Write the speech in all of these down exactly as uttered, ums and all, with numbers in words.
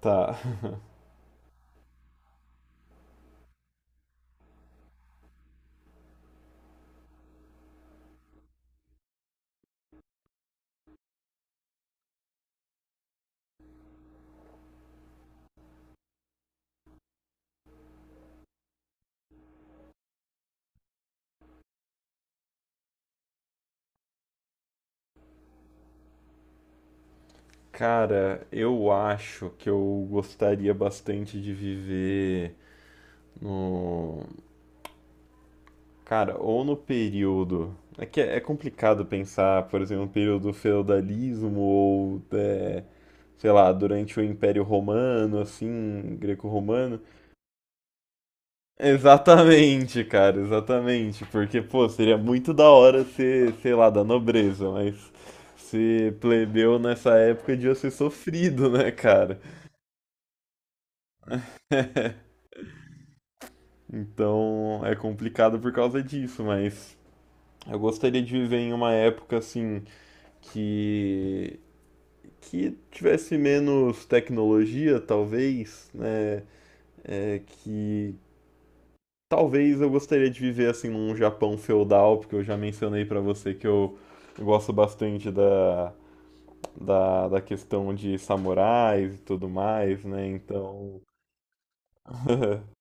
Tá. Cara, eu acho que eu gostaria bastante de viver no. Cara, ou no período. É que é é complicado pensar, por exemplo, no período do feudalismo ou, é, sei lá, durante o Império Romano, assim, greco-romano. Exatamente, cara, exatamente. Porque, pô, seria muito da hora ser, sei lá, da nobreza, mas ser plebeu nessa época devia ser sofrido, né, cara? Então é complicado por causa disso, mas eu gostaria de viver em uma época assim que que tivesse menos tecnologia, talvez, né? É, que talvez eu gostaria de viver assim num Japão feudal, porque eu já mencionei pra você que eu, eu gosto bastante da, da da questão de samurais e tudo mais, né? Então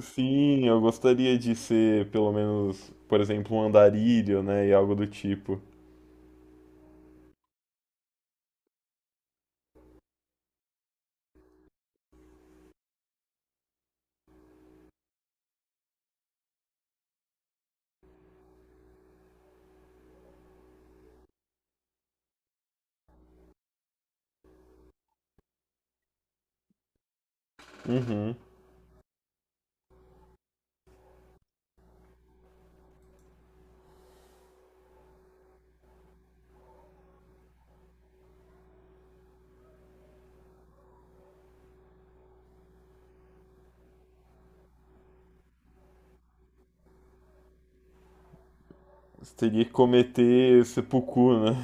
sim, eu gostaria de ser pelo menos, por exemplo, um andarilho, né? E algo do tipo. Uhum. Você teria que cometer seppuku, né?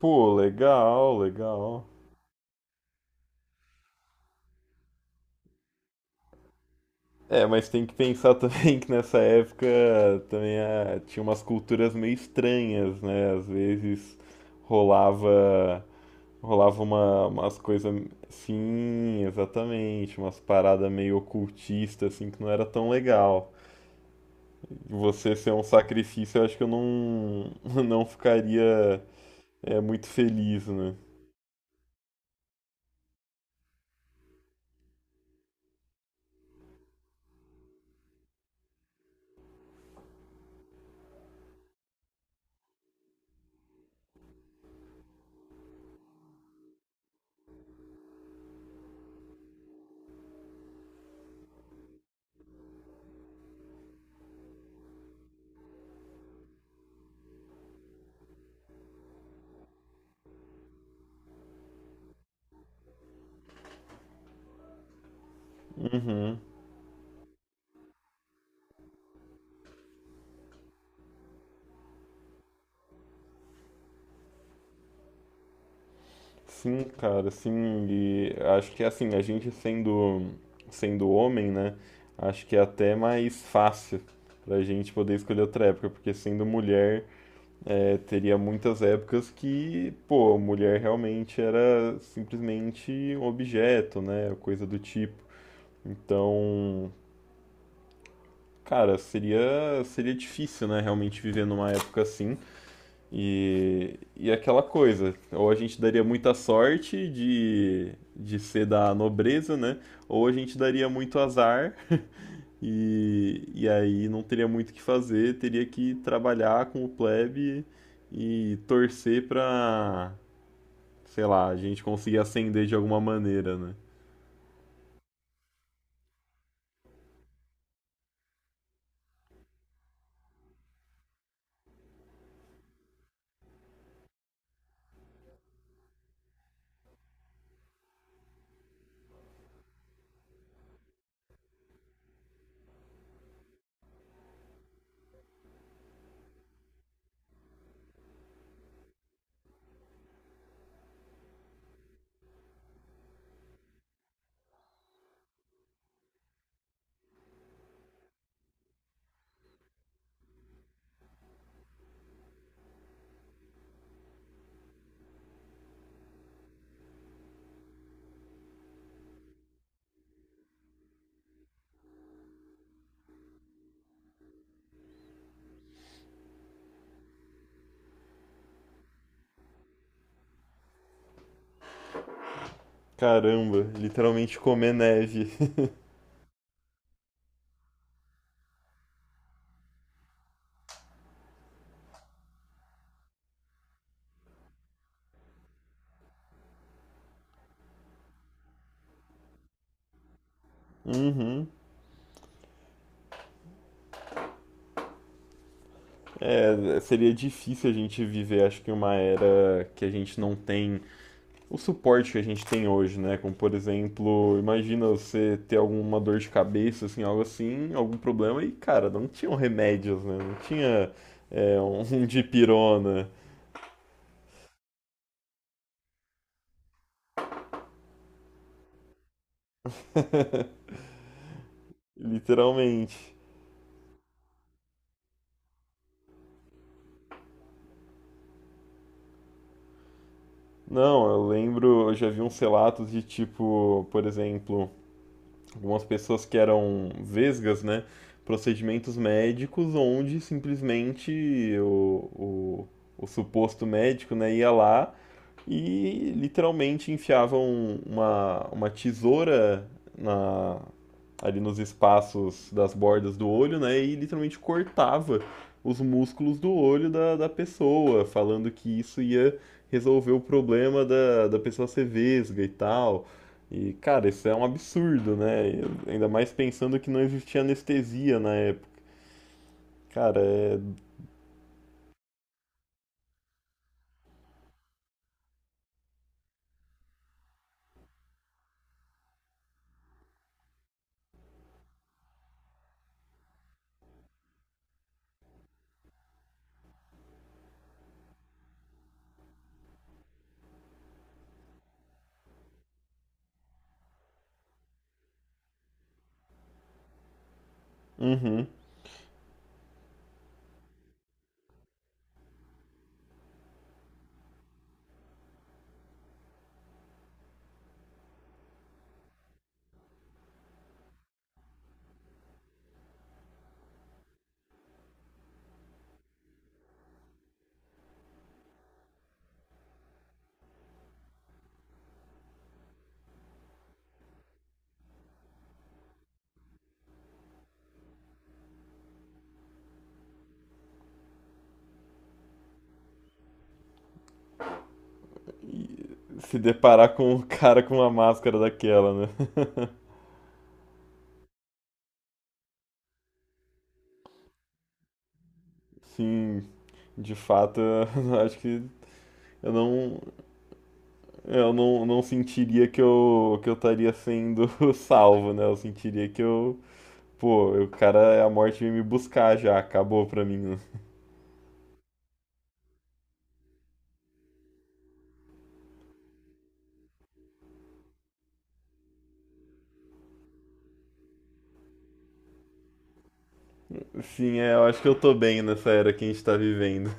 Pô, legal, legal. É, mas tem que pensar também que nessa época também ah, tinha umas culturas meio estranhas, né? Às vezes rolava, rolava uma, umas coisas. Sim, exatamente. Umas paradas meio ocultistas, assim, que não era tão legal. Você ser um sacrifício, eu acho que eu não, não ficaria é, muito feliz, né? Uhum. Sim, cara, sim. E acho que assim, a gente sendo, sendo homem, né? Acho que é até mais fácil pra gente poder escolher outra época, porque sendo mulher, é, teria muitas épocas que, pô, mulher realmente era simplesmente um objeto, né? Coisa do tipo. Então, cara, seria, seria difícil, né, realmente viver numa época assim. E, e aquela coisa, ou a gente daria muita sorte de, de ser da nobreza, né? Ou a gente daria muito azar e, e aí não teria muito o que fazer, teria que trabalhar com o plebe e torcer pra, sei lá, a gente conseguir ascender de alguma maneira, né? Caramba, literalmente comer neve. Uhum. É, seria difícil a gente viver, acho que uma era que a gente não tem o suporte que a gente tem hoje, né? Como, por exemplo, imagina você ter alguma dor de cabeça, assim, algo assim, algum problema, e, cara, não tinham remédios, né? Não tinha, é, um dipirona, literalmente. Não, eu lembro, eu já vi uns relatos de tipo, por exemplo, algumas pessoas que eram vesgas, né? Procedimentos médicos onde simplesmente o, o, o suposto médico, né, ia lá e literalmente enfiavam uma, uma tesoura na, ali nos espaços das bordas do olho, né? E literalmente cortava os músculos do olho da, da pessoa, falando que isso ia resolver o problema da, da pessoa ser vesga e tal. E, cara, isso é um absurdo, né? Ainda mais pensando que não existia anestesia na época. Cara, é. Uhum. E se deparar com o cara com uma máscara daquela, né? Sim, de fato, eu acho que eu não, eu não, não sentiria que eu, que eu estaria sendo salvo, né? Eu sentiria que eu, pô, o cara, a morte veio me buscar já, acabou pra mim. Né? Sim, é, eu acho que eu tô bem nessa era que a gente tá vivendo.